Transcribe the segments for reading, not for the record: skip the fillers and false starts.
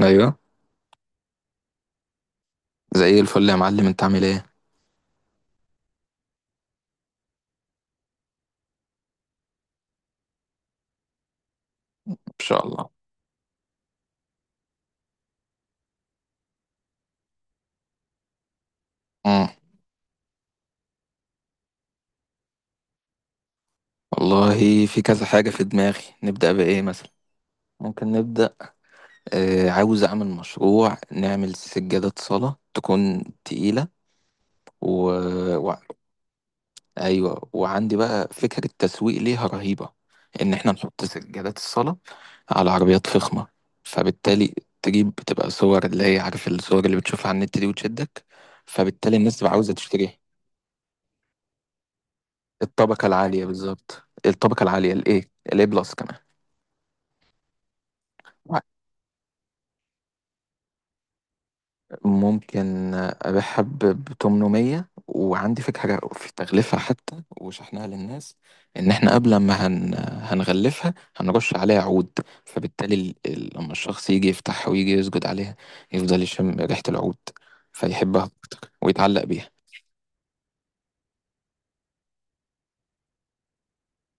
ايوه، زي الفل يا معلم، انت عامل ايه؟ ان شاء الله. امم والله في كذا حاجه في دماغي، نبدا بايه مثلا؟ ممكن نبدا. آه، عاوز اعمل مشروع نعمل سجاده صلاه تكون تقيله. و... و... ايوه، وعندي بقى فكره التسويق ليها رهيبه، ان احنا نحط سجادات الصلاه على عربيات فخمه، فبالتالي تجيب، بتبقى صور اللي هي عارف الصور اللي بتشوفها على النت دي وتشدك. فبالتالي الناس تبقى عاوزه تشتريها. الطبقة العالية بالظبط، الطبقة العالية ال A. ال A بلس كمان. ممكن أبيعها ب 800، وعندي فكرة في تغليفها حتى وشحنها للناس. إن إحنا قبل ما هنغلفها، هنرش عليها عود. فبالتالي لما الشخص يجي يفتحها ويجي يسجد عليها، يفضل يشم ريحة العود، فيحبها أكتر ويتعلق بيها.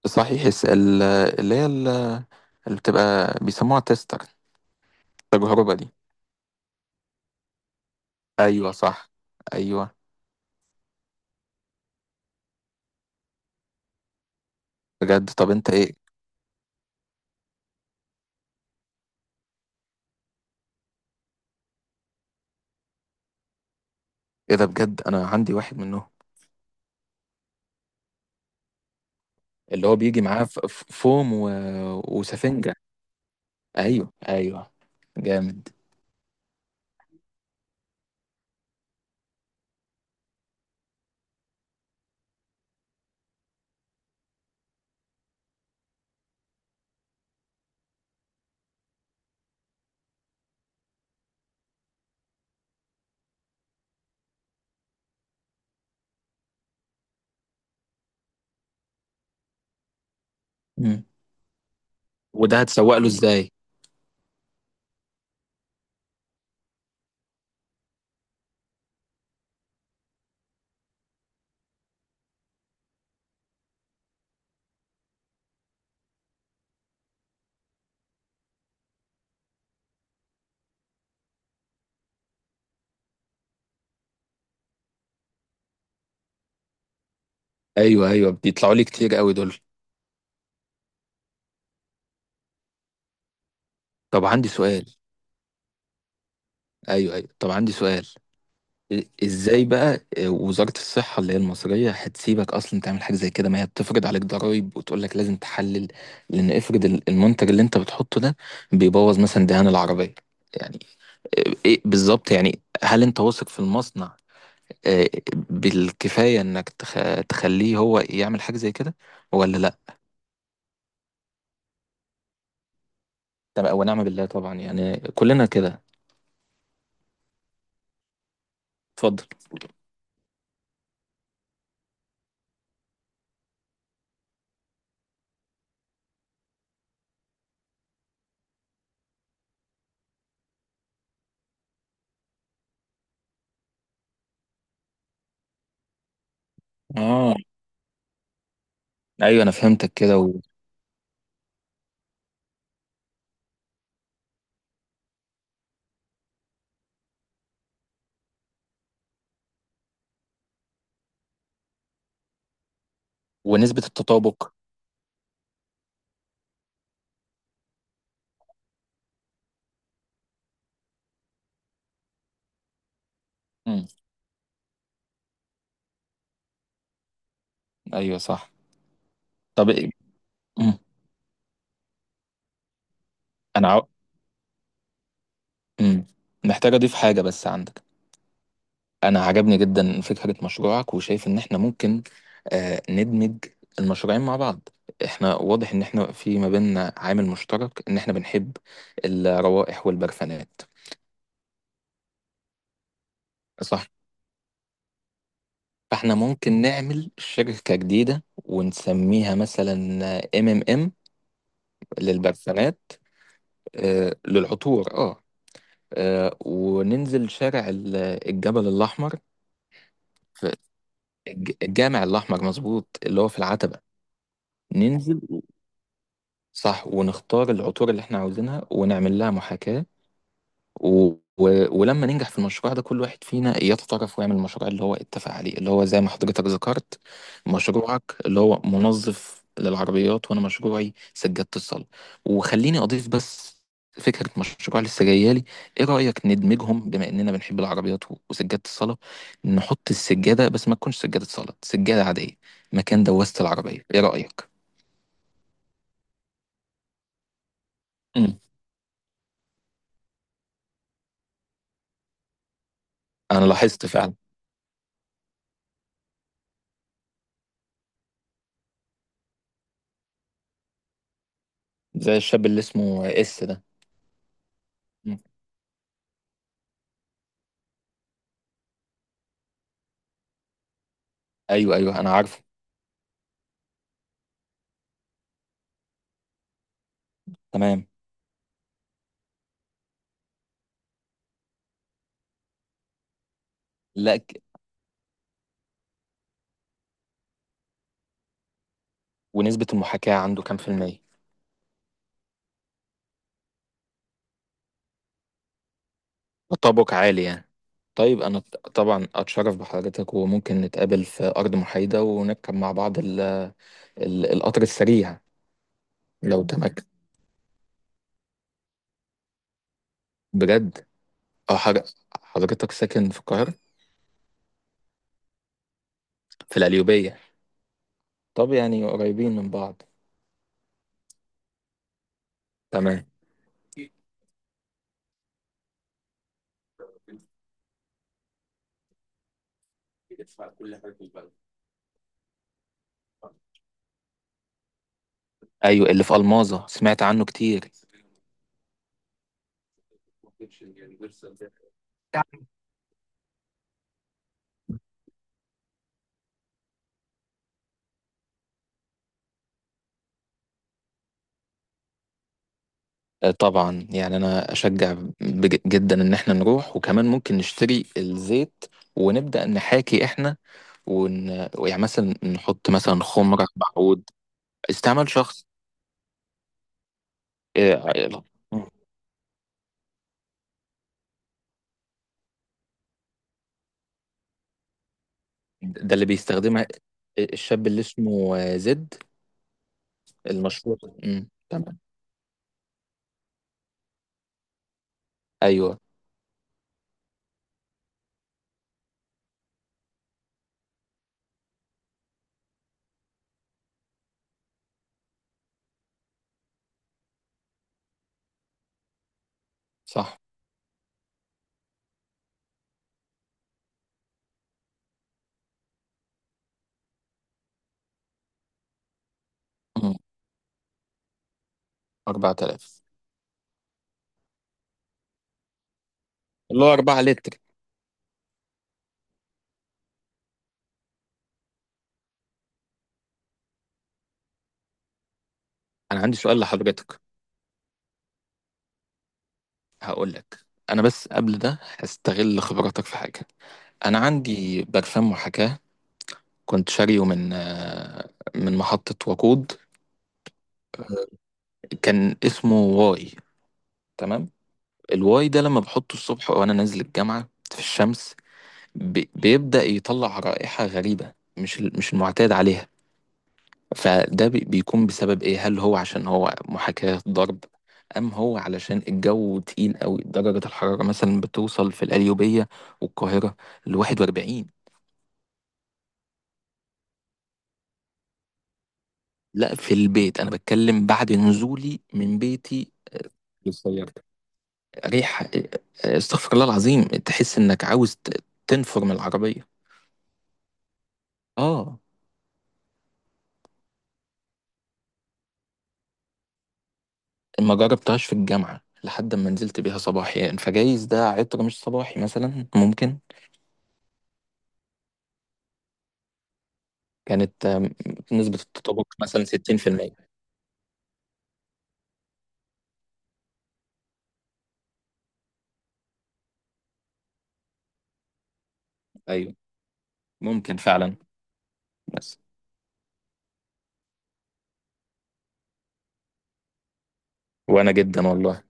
صحيح، اللي هي ال- اللي بتبقى بيسموها تيستر، التجربة دي. أيوة، صح. أيوة. بجد؟ طب أنت إيه؟ ايه ده، بجد؟ انا عندي واحد منهم. اللي هو بيجي معاه فوم وسفنجة. ايوه، ايوه. جامد. مم. وده هتسوق له ازاي؟ ايوه، ايوه، بيطلعوا لي كتير قوي دول. طب عندي سؤال. ايوه، ايوه، طب عندي سؤال. ازاي بقى وزارة الصحة اللي هي المصرية هتسيبك اصلا تعمل حاجة زي كده، ما هي بتفرض عليك ضرائب وتقول لك لازم تحلل؟ لان افرض المنتج اللي انت بتحطه ده بيبوظ مثلا دهان العربية، يعني؟ ايه بالظبط يعني؟ هل انت واثق في المصنع آه، بالكفاية انك تخليه هو يعمل حاجة زي كده ولا لا؟ طب ونعم بالله، طبعا يعني كلنا كده. اتفضل. اه، ايوه، انا فهمتك كده ونسبة التطابق؟ امم ايوه، صح. طب، امم انا عاو... امم محتاج اضيف حاجة بس عندك. انا عجبني جدا فكرة مشروعك، وشايف ان احنا ممكن ندمج المشروعين مع بعض. احنا واضح ان احنا في ما بيننا عامل مشترك، ان احنا بنحب الروائح والبرفانات. صح. فاحنا ممكن نعمل شركة جديدة ونسميها مثلا ام ام ام للبرسمات. للعطور، اه. وننزل شارع الجبل الأحمر. في الجامع الأحمر، مظبوط، اللي هو في العتبة. ننزل، صح، ونختار العطور اللي احنا عاوزينها ونعمل لها محاكاة. و... ولما ننجح في المشروع ده، كل واحد فينا يتطرف ويعمل المشروع اللي هو اتفق عليه، اللي هو زي ما حضرتك ذكرت، مشروعك اللي هو منظف للعربيات، وانا مشروعي سجادة الصلاة. وخليني اضيف بس فكرة مشروع لسه جايالي. ايه رأيك ندمجهم، بما اننا بنحب العربيات وسجادة الصلاة، نحط السجادة بس ما تكونش سجادة صلاة، سجادة عادية مكان دواسة العربية؟ ايه رأيك؟ مم. انا لاحظت فعلا. زي الشاب اللي اسمه اس ده. مم. ايوه، ايوه، انا عارفه. تمام. لا، ونسبة المحاكاة عنده كام في المية؟ تطابق عالي يعني. طيب أنا طبعا أتشرف بحضرتك، وممكن نتقابل في أرض محايدة ونركب مع بعض ال ال القطر السريع. لو تمك، بجد. أه، حضرتك ساكن في القاهرة؟ في القليوبية. طب يعني قريبين من بعض. تمام. أيوة، اللي في ألماظة سمعت عنه كتير. طبعا يعني انا اشجع جدا ان احنا نروح، وكمان ممكن نشتري الزيت ونبدا نحاكي احنا ون... يعني مثلا نحط مثلا خمره بعود. استعمال شخص. آه، ده اللي بيستخدمها الشاب اللي اسمه زد المشهور. مم، تمام. ايوه، صح. مم، 4000. اللي هو 4 لتر. انا عندي سؤال لحضرتك. هقول لك انا، بس قبل ده هستغل خبراتك في حاجه. انا عندي برفان محاكاه، كنت شاريه من من محطة وقود. كان اسمه واي، تمام. الواي ده لما بحطه الصبح وانا نازل الجامعة في الشمس، بيبدأ يطلع رائحة غريبة، مش مش المعتاد عليها. فده بيكون بسبب ايه؟ هل هو عشان هو محاكاة ضرب، ام هو علشان الجو تقيل قوي، درجة الحرارة مثلا بتوصل في القليوبية والقاهرة ل 41؟ لا، في البيت، انا بتكلم بعد نزولي من بيتي للسيارة. ريحة استغفر الله العظيم، تحس انك عاوز تنفر من العربية. اه. ما جربتهاش في الجامعة لحد ما نزلت بيها صباحي، يعني فجايز ده عطر مش صباحي مثلا ممكن. كانت نسبة التطابق مثلا 60%. ايوه، ممكن فعلا. بس وانا جدا والله.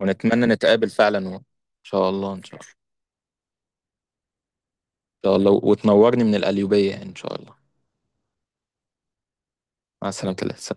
ونتمنى نتقابل فعلا ان شاء الله، ان شاء الله. ان شاء الله، وتنورني من القليوبية يعني، ان شاء الله. مع السلامة.